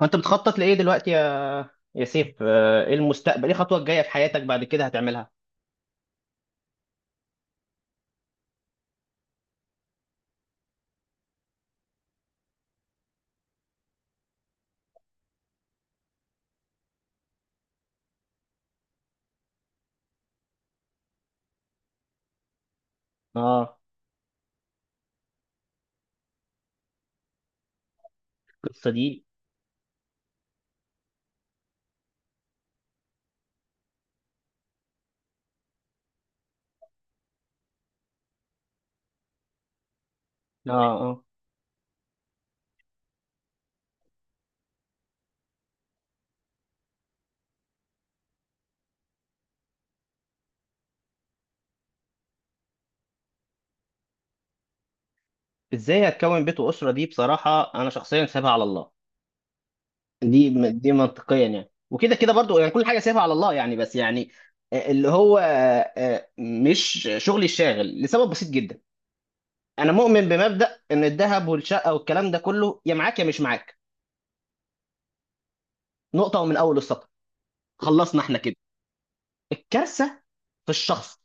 فانت بتخطط لايه دلوقتي يا سيف؟ ايه المستقبل، ايه الخطوه الجايه في حياتك بعد كده هتعملها؟ اه. القصه دي. اه. اه. ازاي هتكون بيت واسره؟ دي بصراحه انا شخصيا سايبها على الله. دي منطقيا يعني، وكده كده برضو يعني، كل حاجه سايبها على الله يعني، بس يعني آه، اللي هو آه، آه، مش شغلي الشاغل لسبب بسيط جدا. انا مؤمن بمبدا ان الذهب والشقه والكلام ده كله يا معاك يا مش معاك. نقطه ومن اول السطر. خلصنا احنا كده. الكارثه في الشخص،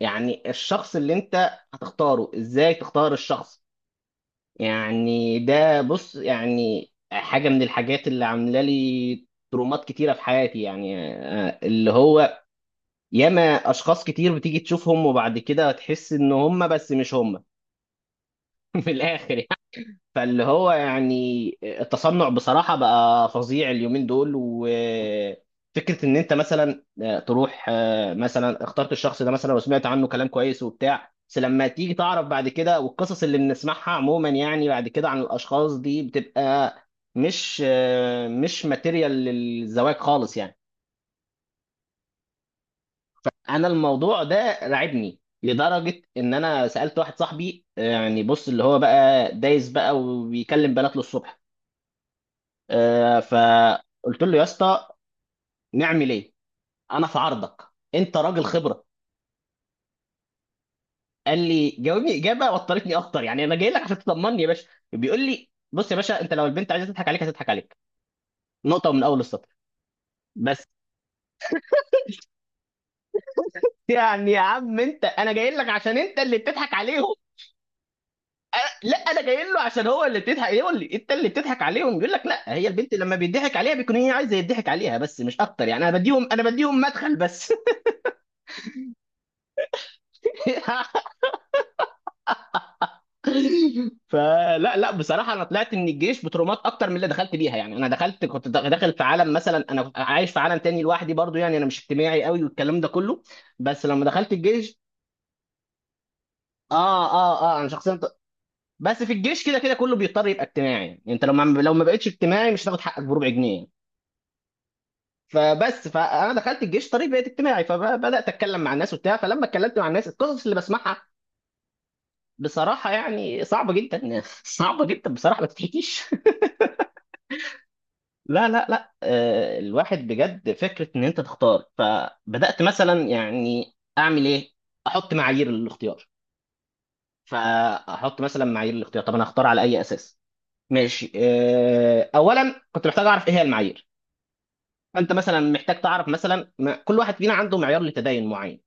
يعني الشخص اللي انت هتختاره، ازاي تختار الشخص؟ يعني ده بص، يعني حاجة من الحاجات اللي عاملة لي ترومات كتيرة في حياتي، يعني آه، اللي هو ياما اشخاص كتير بتيجي تشوفهم وبعد كده تحس ان هم بس مش هم من الاخر يعني. فاللي هو يعني التصنع بصراحة بقى فظيع اليومين دول، وفكرة إن أنت مثلا تروح مثلا اخترت الشخص ده مثلا وسمعت عنه كلام كويس وبتاع، بس لما تيجي تعرف بعد كده، والقصص اللي بنسمعها عموما يعني بعد كده عن الأشخاص دي بتبقى مش ماتيريال للزواج خالص يعني. أنا الموضوع ده رعبني لدرجة إن أنا سألت واحد صاحبي، يعني بص اللي هو بقى دايس بقى وبيكلم بنات للصبح، فقلت له يا اسطى نعمل ايه؟ انا في عرضك، انت راجل خبره. قال لي جاوبني اجابه وطرتني اكتر، يعني انا جاي لك عشان تطمني يا باشا. بيقول لي بص يا باشا، انت لو البنت عايزه تضحك عليك هتضحك عليك. نقطه من اول السطر بس. يعني يا عم انت، انا جاي لك عشان انت اللي بتضحك عليهم. لا انا جاي له عشان هو اللي بتضحك، إيه يقول لي انت اللي بتضحك عليهم؟ يقول لك لا، هي البنت لما بيضحك عليها بيكون هي عايزه يضحك عليها، بس مش اكتر. يعني انا بديهم، انا بديهم مدخل بس. فلا لا بصراحه، انا طلعت من الجيش بترومات اكتر من اللي دخلت بيها. يعني انا دخلت كنت داخل في عالم، مثلا انا كنت عايش في عالم تاني لوحدي برضو، يعني انا مش اجتماعي قوي والكلام ده كله. بس لما دخلت الجيش، اه اه اه انا شخصيا بس في الجيش كده كده كله بيضطر يبقى اجتماعي. يعني انت لو ما بقتش اجتماعي مش هتاخد حقك بربع جنيه. فبس فانا دخلت الجيش طريق، بقيت اجتماعي، فبدات اتكلم مع الناس وبتاع، فلما اتكلمت مع الناس القصص اللي بسمعها بصراحه يعني صعبه جدا صعبه جدا بصراحه ما تتحكيش. لا لا لا الواحد بجد فكرة ان انت تختار، فبدأت مثلا يعني اعمل ايه؟ احط معايير للاختيار. فاحط مثلا معايير الاختيار، طب انا اختار على اي اساس؟ ماشي، اولا كنت محتاج اعرف ايه هي المعايير. فانت مثلا محتاج تعرف مثلا، كل واحد فينا عنده معيار لتدين معين.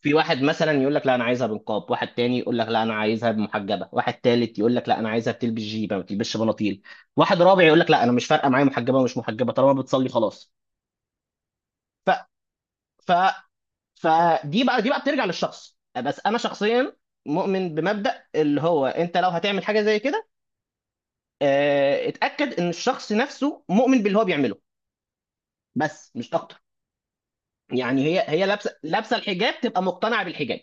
في واحد مثلا يقول لك لا انا عايزها بنقاب، واحد تاني يقول لك لا انا عايزها محجبه، واحد تالت يقول لك لا انا عايزها بتلبس جيبه ما بتلبسش بناطيل، واحد رابع يقول لك لا انا مش فارقه معايا محجبه ومش محجبه طالما بتصلي خلاص. فدي بقى بترجع للشخص، بس انا شخصيا مؤمن بمبدأ اللي هو انت لو هتعمل حاجه زي كده اتأكد ان الشخص نفسه مؤمن باللي هو بيعمله، بس مش اكتر. يعني هي لابسه الحجاب تبقى مقتنعه بالحجاب،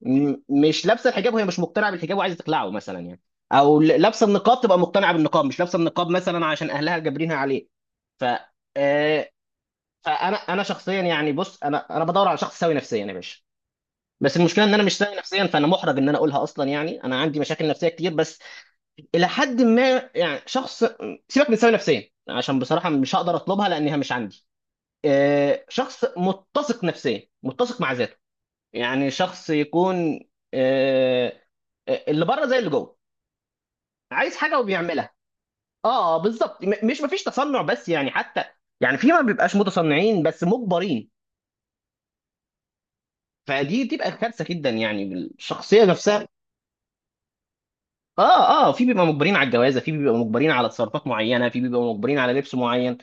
م- مش لابسه الحجاب وهي مش مقتنعه بالحجاب وعايزه تخلعه مثلا يعني، او لابسه النقاب تبقى مقتنعه بالنقاب، مش لابسه النقاب مثلا عشان اهلها جابرينها عليه. ف آه، فانا شخصيا يعني بص، انا بدور على شخص سوي نفسيا يا باشا. بس المشكله ان انا مش سوي نفسيا، فانا محرج ان انا اقولها اصلا، يعني انا عندي مشاكل نفسيه كتير بس الى حد ما. يعني شخص، سيبك من سوي نفسيا عشان بصراحه مش هقدر اطلبها لانها مش عندي، شخص متسق نفسيا، متسق مع ذاته. يعني شخص يكون آه، اللي بره زي اللي جوه، عايز حاجه وبيعملها. اه بالظبط، مش مفيش تصنع، بس يعني حتى يعني، في ما بيبقاش متصنعين بس مجبرين. فدي تبقى كارثه جدا، يعني الشخصيه نفسها. اه اه، في بيبقى مجبرين على الجوازه، في بيبقى مجبرين على تصرفات معينه، في بيبقى مجبرين على لبس معين.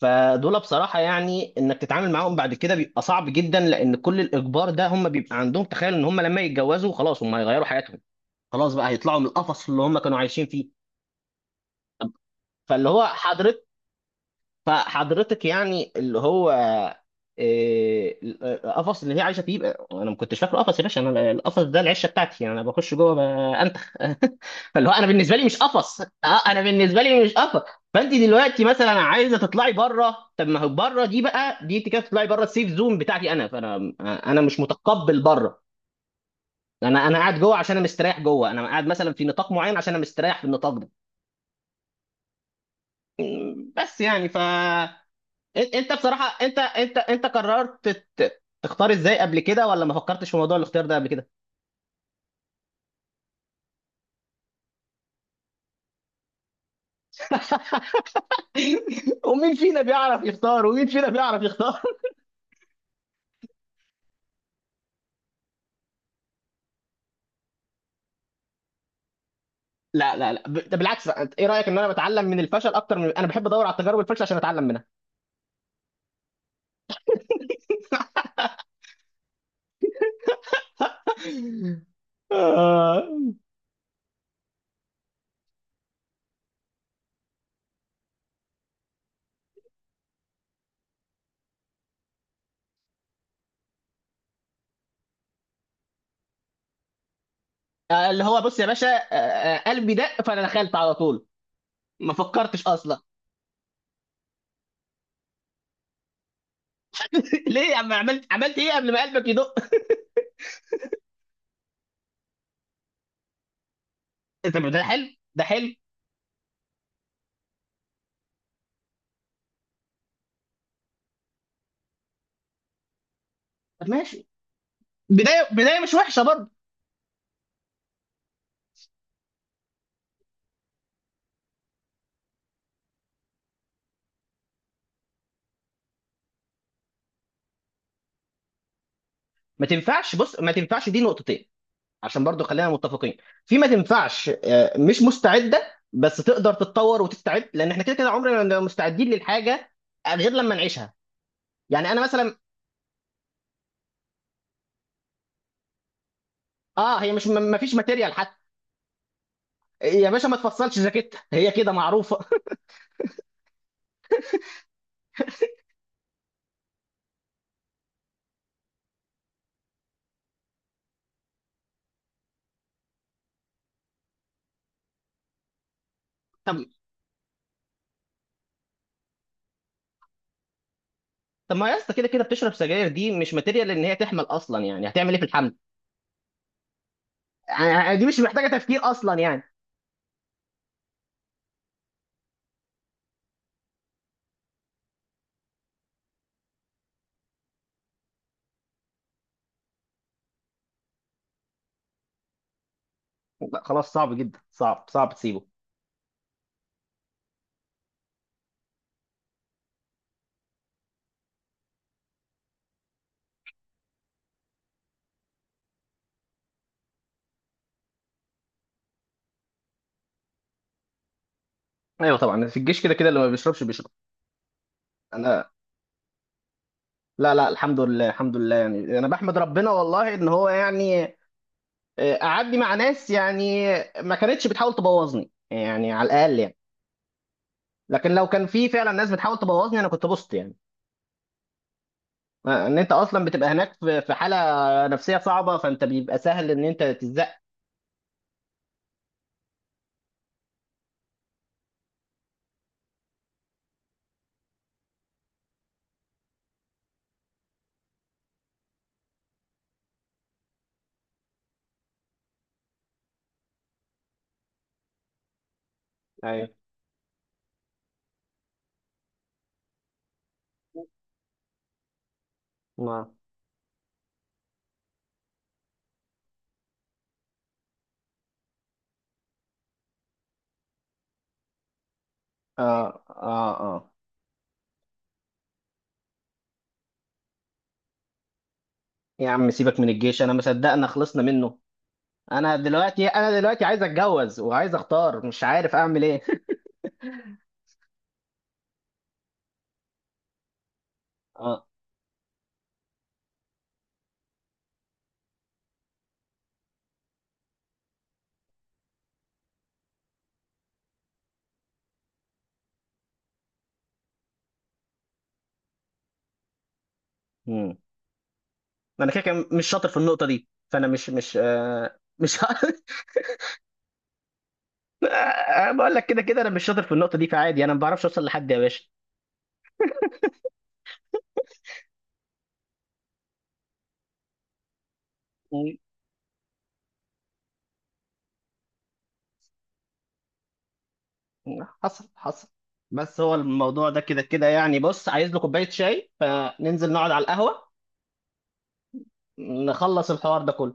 فدول بصراحه يعني انك تتعامل معاهم بعد كده بيبقى صعب جدا، لان كل الاجبار ده هم بيبقى عندهم تخيل ان هم لما يتجوزوا خلاص هم هيغيروا حياتهم، خلاص بقى هيطلعوا من القفص اللي هم كانوا عايشين فيه. فاللي هو حضرتك، فحضرتك يعني اللي هو إيه، القفص اللي هي عايشه فيه انا ما كنتش فاكره قفص يا باشا، انا القفص ده العشه بتاعتي، يعني انا بخش جوه انتخ فاللي هو انا بالنسبه لي مش قفص. اه انا بالنسبه لي مش قفص. فانت دلوقتي مثلا عايزه تطلعي بره، طب ما هو بره دي بقى، دي انت كده تطلعي بره السيف زون بتاعتي انا، فانا انا مش متقبل بره. انا انا قاعد جوه عشان انا مستريح جوه، انا قاعد مثلا في نطاق معين عشان انا مستريح في النطاق ده. بس يعني انت بصراحه انت قررت تختار ازاي قبل كده، ولا ما فكرتش في موضوع الاختيار ده قبل كده؟ ومين فينا بيعرف يختار، ومين فينا بيعرف يختار؟ لا لا لا ده بالعكس بقى، انت ايه رايك ان انا بتعلم من الفشل اكتر، من انا بحب ادور على تجارب الفشل عشان اتعلم منها. آه. اللي هو بص يا باشا، قلبي دق فانا دخلت على طول، ما فكرتش اصلا. ليه يا عم عملت، عملت ايه قبل ما قلبك يدق؟ طب ده حلو. ده حلو. طب ماشي، بدايه بدايه مش وحشه. ما تنفعش، بص ما تنفعش دي نقطتين، عشان برضو خلينا متفقين. في ما تنفعش مش مستعده بس تقدر تتطور وتستعد، لان احنا كده كده عمرنا ما مستعدين للحاجه غير لما نعيشها. يعني انا مثلا اه هي مش، ما فيش ماتيريال حتى يا باشا، ما تفصلش جاكيتها هي كده معروفه. طب طب ما يا اسطى كده كده بتشرب سجاير، دي مش ماتيريال ان هي تحمل اصلا، يعني هتعمل ايه في الحمل؟ آه، دي مش محتاجه تفكير اصلا يعني. لا، خلاص صعب جدا، صعب صعب تسيبه. ايوه طبعا، في الجيش كده كده اللي ما بيشربش بيشرب. انا لا لا الحمد لله، الحمد لله، يعني انا بحمد ربنا والله ان هو يعني قعدني مع ناس يعني، ما كانتش بتحاول تبوظني، يعني على الاقل يعني. لكن لو كان في فعلا ناس بتحاول تبوظني انا كنت بوظت يعني. ان انت اصلا بتبقى هناك في حاله نفسيه صعبه، فانت بيبقى سهل ان انت تتزق. ايوه ما، اه اه اه، يا عم سيبك من الجيش انا ما صدقنا خلصنا منه. انا دلوقتي، انا دلوقتي عايز اتجوز وعايز اختار مش عارف اعمل ايه. اه انا كده كده مش شاطر في النقطه دي، فانا مش مش أنا بقول لك كده كده انا مش شاطر في النقطه دي، فعادي انا ما بعرفش اوصل لحد يا باشا. حصل حصل. بس هو الموضوع ده كده كده يعني، بص عايز له كوبايه شاي، فننزل نقعد على القهوه نخلص الحوار ده كله.